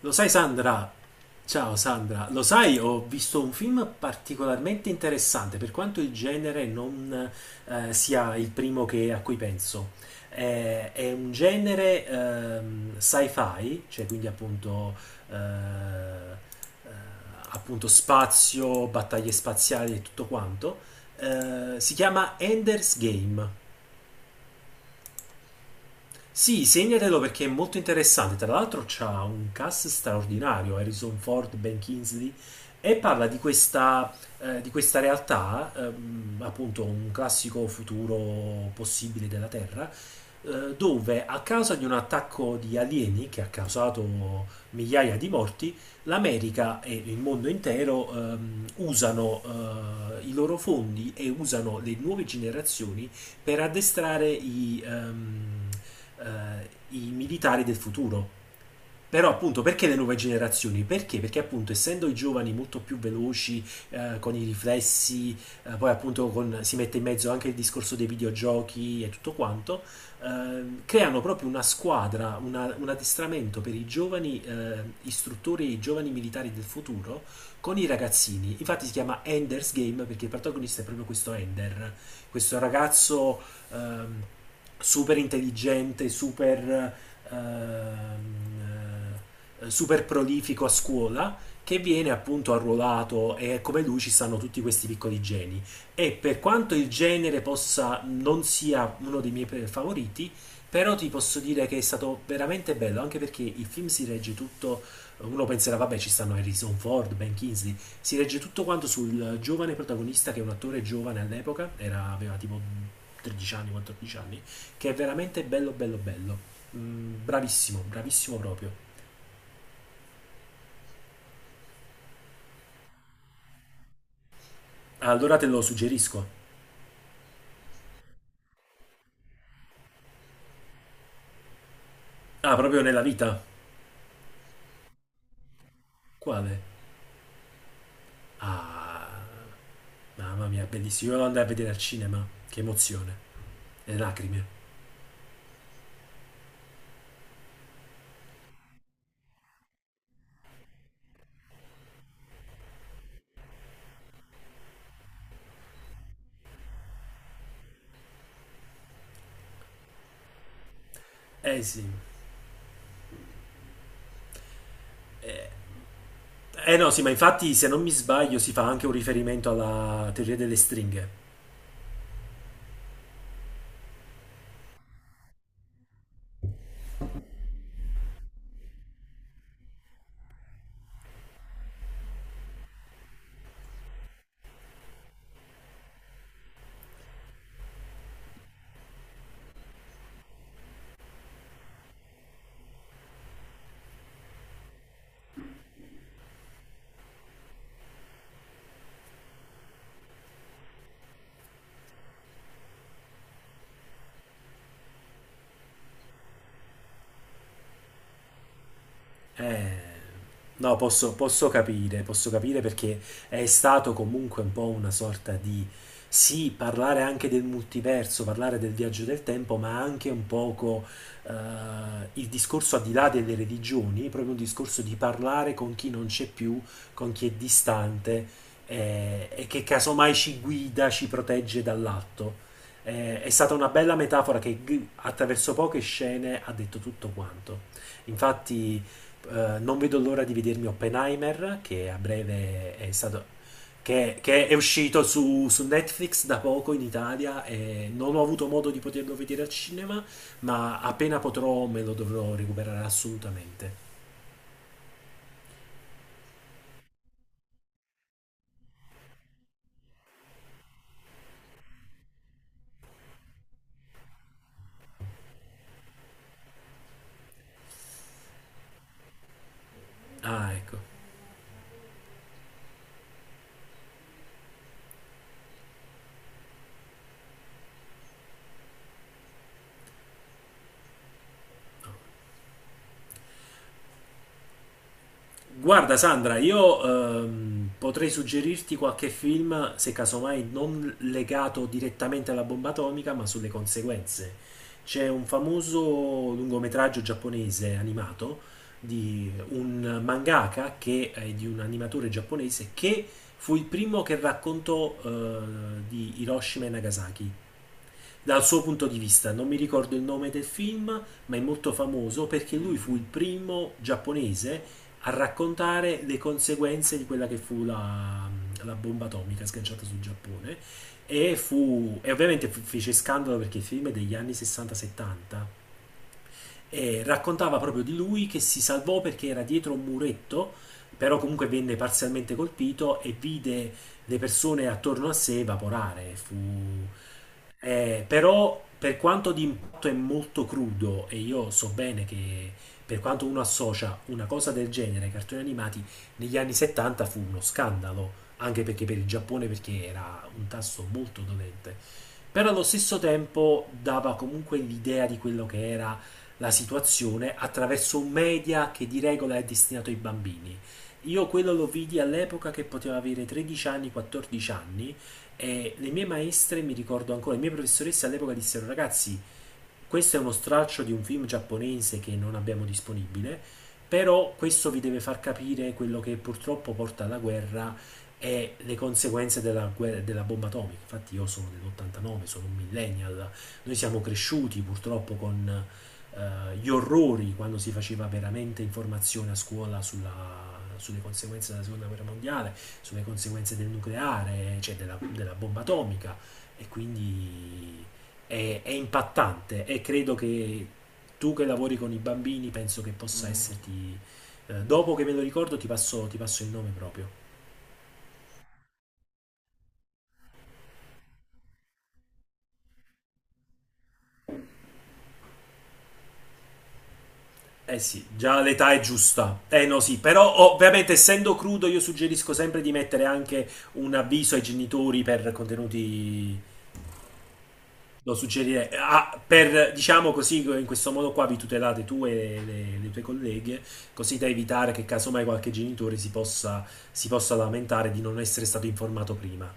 Lo sai, Sandra? Ciao Sandra, lo sai, ho visto un film particolarmente interessante, per quanto il genere non sia il primo che- a cui penso. È un genere sci-fi, cioè quindi appunto, eh, eh, appunto spazio, battaglie spaziali e tutto quanto. Si chiama Ender's Game. Sì, segnatelo perché è molto interessante. Tra l'altro c'ha un cast straordinario, Harrison Ford, Ben Kingsley, e parla di questa realtà, appunto un classico futuro possibile della Terra, dove a causa di un attacco di alieni che ha causato migliaia di morti, l'America e il mondo intero usano i loro fondi e usano le nuove generazioni per addestrare eh, i militari del futuro. Però appunto, perché le nuove generazioni? Perché? Perché appunto, essendo i giovani molto più veloci, con i riflessi, poi appunto con- si mette in mezzo anche il discorso dei videogiochi e tutto quanto, creano proprio una squadra, una- un addestramento per i giovani istruttori, i giovani militari del futuro con i ragazzini. Infatti si chiama Ender's Game perché il protagonista è proprio questo Ender, questo ragazzo ehm, super intelligente, ehm, super prolifico a scuola, che viene appunto arruolato, e come lui ci stanno tutti questi piccoli geni. E per quanto il genere possa non sia uno dei miei pre- favoriti, però ti posso dire che è stato veramente bello, anche perché il film si regge tutto. Uno penserà, vabbè, ci stanno Harrison Ford, Ben Kingsley. Si regge tutto quanto sul giovane protagonista, che è un attore giovane all'epoca, era- aveva tipo 13 anni, 14 anni, che è veramente bello, bello, bello. Mm, bravissimo, bravissimo proprio. Ah, allora te lo suggerisco. Ah, proprio nella vita? Quale? Ah, mamma mia, bellissimo. Io lo andai a vedere al cinema. Che emozione. Le lacrime. Eh sì. Eh no, sì, ma infatti, se non mi sbaglio, si fa anche un riferimento alla teoria delle stringhe. Eh, No, posso, posso capire, posso capire, perché è stato comunque un po' una sorta di, sì, parlare anche del multiverso, parlare del viaggio del tempo, ma anche un poco eh, il discorso al di là delle religioni, proprio un discorso di parlare con chi non c'è più, con chi è distante e che casomai ci guida, ci protegge dall'atto. È stata una bella metafora che g- attraverso poche scene ha detto tutto quanto. Infatti, non vedo l'ora di vedermi Oppenheimer, che a breve è stato... che è uscito su, su Netflix da poco in Italia, e non ho avuto modo di poterlo vedere al cinema, ma appena potrò me lo dovrò recuperare assolutamente. Ah, ecco. Guarda Sandra, io potrei suggerirti qualche film, se casomai non legato direttamente alla bomba atomica, ma sulle conseguenze. C'è un famoso lungometraggio giapponese animato di un mangaka, che è di un animatore giapponese che fu il primo che raccontò di Hiroshima e Nagasaki dal suo punto di vista. Non mi ricordo il nome del film, ma è molto famoso perché lui fu il primo giapponese a raccontare le conseguenze di quella che fu la, la bomba atomica sganciata sul Giappone. E, fu, e ovviamente fu- fece scandalo perché il film è degli anni 60-70 e raccontava proprio di lui, che si salvò perché era dietro un muretto, però comunque venne parzialmente colpito e vide le persone attorno a sé evaporare. Fu, però per quanto di impatto è molto crudo, e io so bene che per quanto uno associa una cosa del genere ai cartoni animati, negli anni 70 fu uno scandalo, anche perché per il Giappone, perché era un tasso molto dolente. Però allo stesso tempo dava comunque l'idea di quello che era la situazione, attraverso un media che di regola è destinato ai bambini. Io quello lo vidi all'epoca che potevo avere 13 anni, 14 anni, e le mie maestre, mi ricordo ancora, le mie professoresse all'epoca dissero: ragazzi, questo è uno straccio di un film giapponese che non abbiamo disponibile, però questo vi deve far capire quello che purtroppo porta alla guerra e le conseguenze della, guerra- della bomba atomica. Infatti io sono dell'89, sono un millennial, noi siamo cresciuti purtroppo con gli orrori, quando si faceva veramente informazione a scuola sulla- sulle conseguenze della seconda guerra mondiale, sulle conseguenze del nucleare, cioè della, della bomba atomica, e quindi è impattante e credo che tu, che lavori con i bambini, penso che possa. Mm. Esserti... dopo che me lo ricordo ti passo il nome proprio. Eh sì, già l'età è giusta. Eh no sì, però oh, ovviamente essendo crudo io suggerisco sempre di mettere anche un avviso ai genitori per contenuti... Lo suggerirei. Ah, per, diciamo così, in questo modo qua vi tutelate tu e le tue colleghe, così da evitare che casomai qualche genitore si possa lamentare di non essere stato informato prima.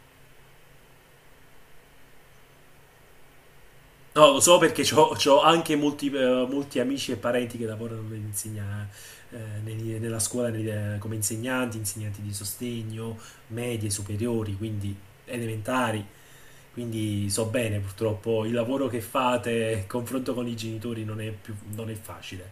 No, lo so, perché ho anche molti, molti amici e parenti che lavorano nell'insegna- negli- nella scuola negli- come insegnanti, insegnanti di sostegno, medie, superiori, quindi elementari. Quindi so bene, purtroppo, il lavoro che fate, il confronto con i genitori non è più, non è facile.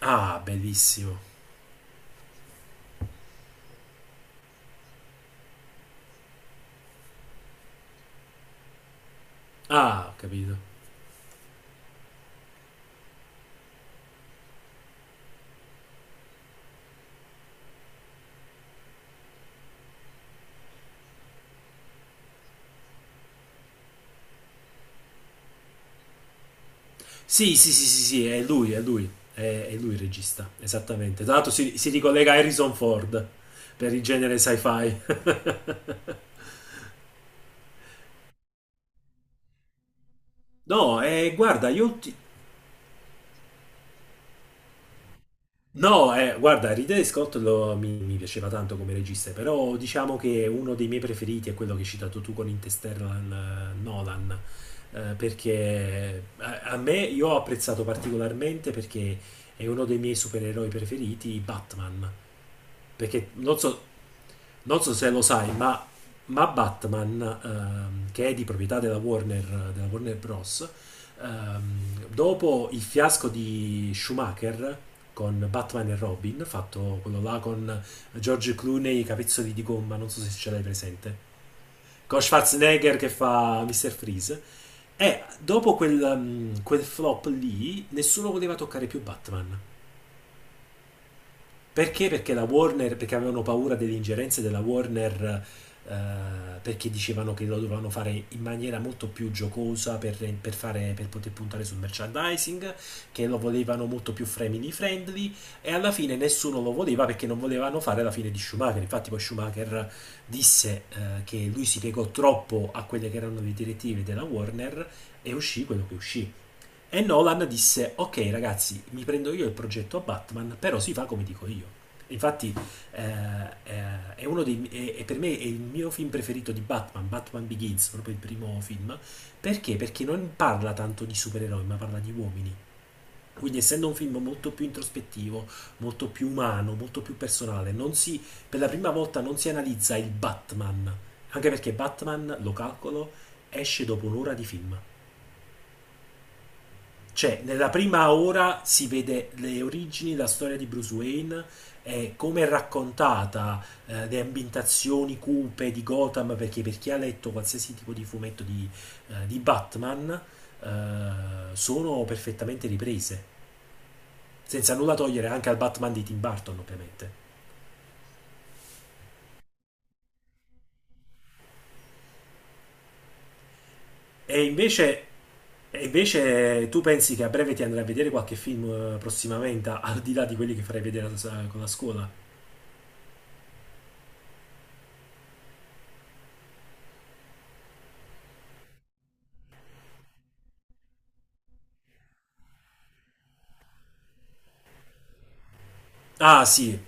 Ah, bellissimo. Ah, ho capito. Sì, sì, sì, sì, sì, è lui, è lui. È lui il regista, esattamente. Tra l'altro si, si ricollega a Harrison Ford per il genere sci-fi. No, guarda, io ti... No, guarda, Ridley Scott lo- mi piaceva tanto come regista, però diciamo che uno dei miei preferiti è quello che hai citato tu con Interstellar, Nolan, perché a, a me, io ho apprezzato particolarmente, perché è uno dei miei supereroi preferiti, Batman, perché non so, non so se lo sai, ma Batman, che è di proprietà della Warner Bros., dopo il fiasco di Schumacher con Batman e Robin, fatto quello là con George Clooney, i capezzoli di gomma, non so se ce l'hai presente, con Schwarzenegger che fa Mr. Freeze, e dopo quel, quel flop lì, nessuno voleva toccare più Batman. Perché? Perché la Warner, perché avevano paura delle ingerenze della Warner, perché dicevano che lo dovevano fare in maniera molto più giocosa per fare- per poter puntare sul merchandising, che lo volevano molto più family friendly, e alla fine nessuno lo voleva perché non volevano fare la fine di Schumacher. Infatti poi Schumacher disse che lui si piegò troppo a quelle che erano le direttive della Warner, e uscì quello che uscì. E Nolan disse: ok, ragazzi, mi prendo io il progetto a Batman, però si fa come dico io. Infatti, eh, è uno dei, è- è, per me, è il mio film preferito di Batman, Batman Begins, proprio il primo film. Perché? Perché non parla tanto di supereroi, ma parla di uomini. Quindi, essendo un film molto più introspettivo, molto più umano, molto più personale, non si, per la prima volta non si analizza il Batman. Anche perché Batman, lo calcolo, esce dopo un'ora di film. Cioè, nella prima ora si vede le origini, la storia di Bruce Wayne, e come è raccontata, le ambientazioni cupe di Gotham, perché per chi ha letto qualsiasi tipo di fumetto di Batman, eh, sono perfettamente riprese, senza nulla togliere anche al Batman di Tim Burton, ovviamente. E invece, e invece tu pensi che a breve ti andrai a vedere qualche film prossimamente, al di là di quelli che farai vedere a- con la scuola? Ah sì,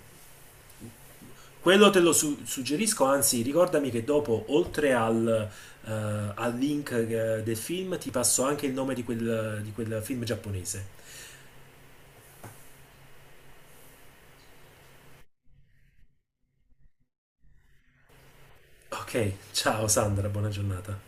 quello te lo su- suggerisco, anzi ricordami che dopo, oltre al, eh, al link del film, ti passo anche il nome di quel film giapponese. Ok, ciao Sandra, buona giornata.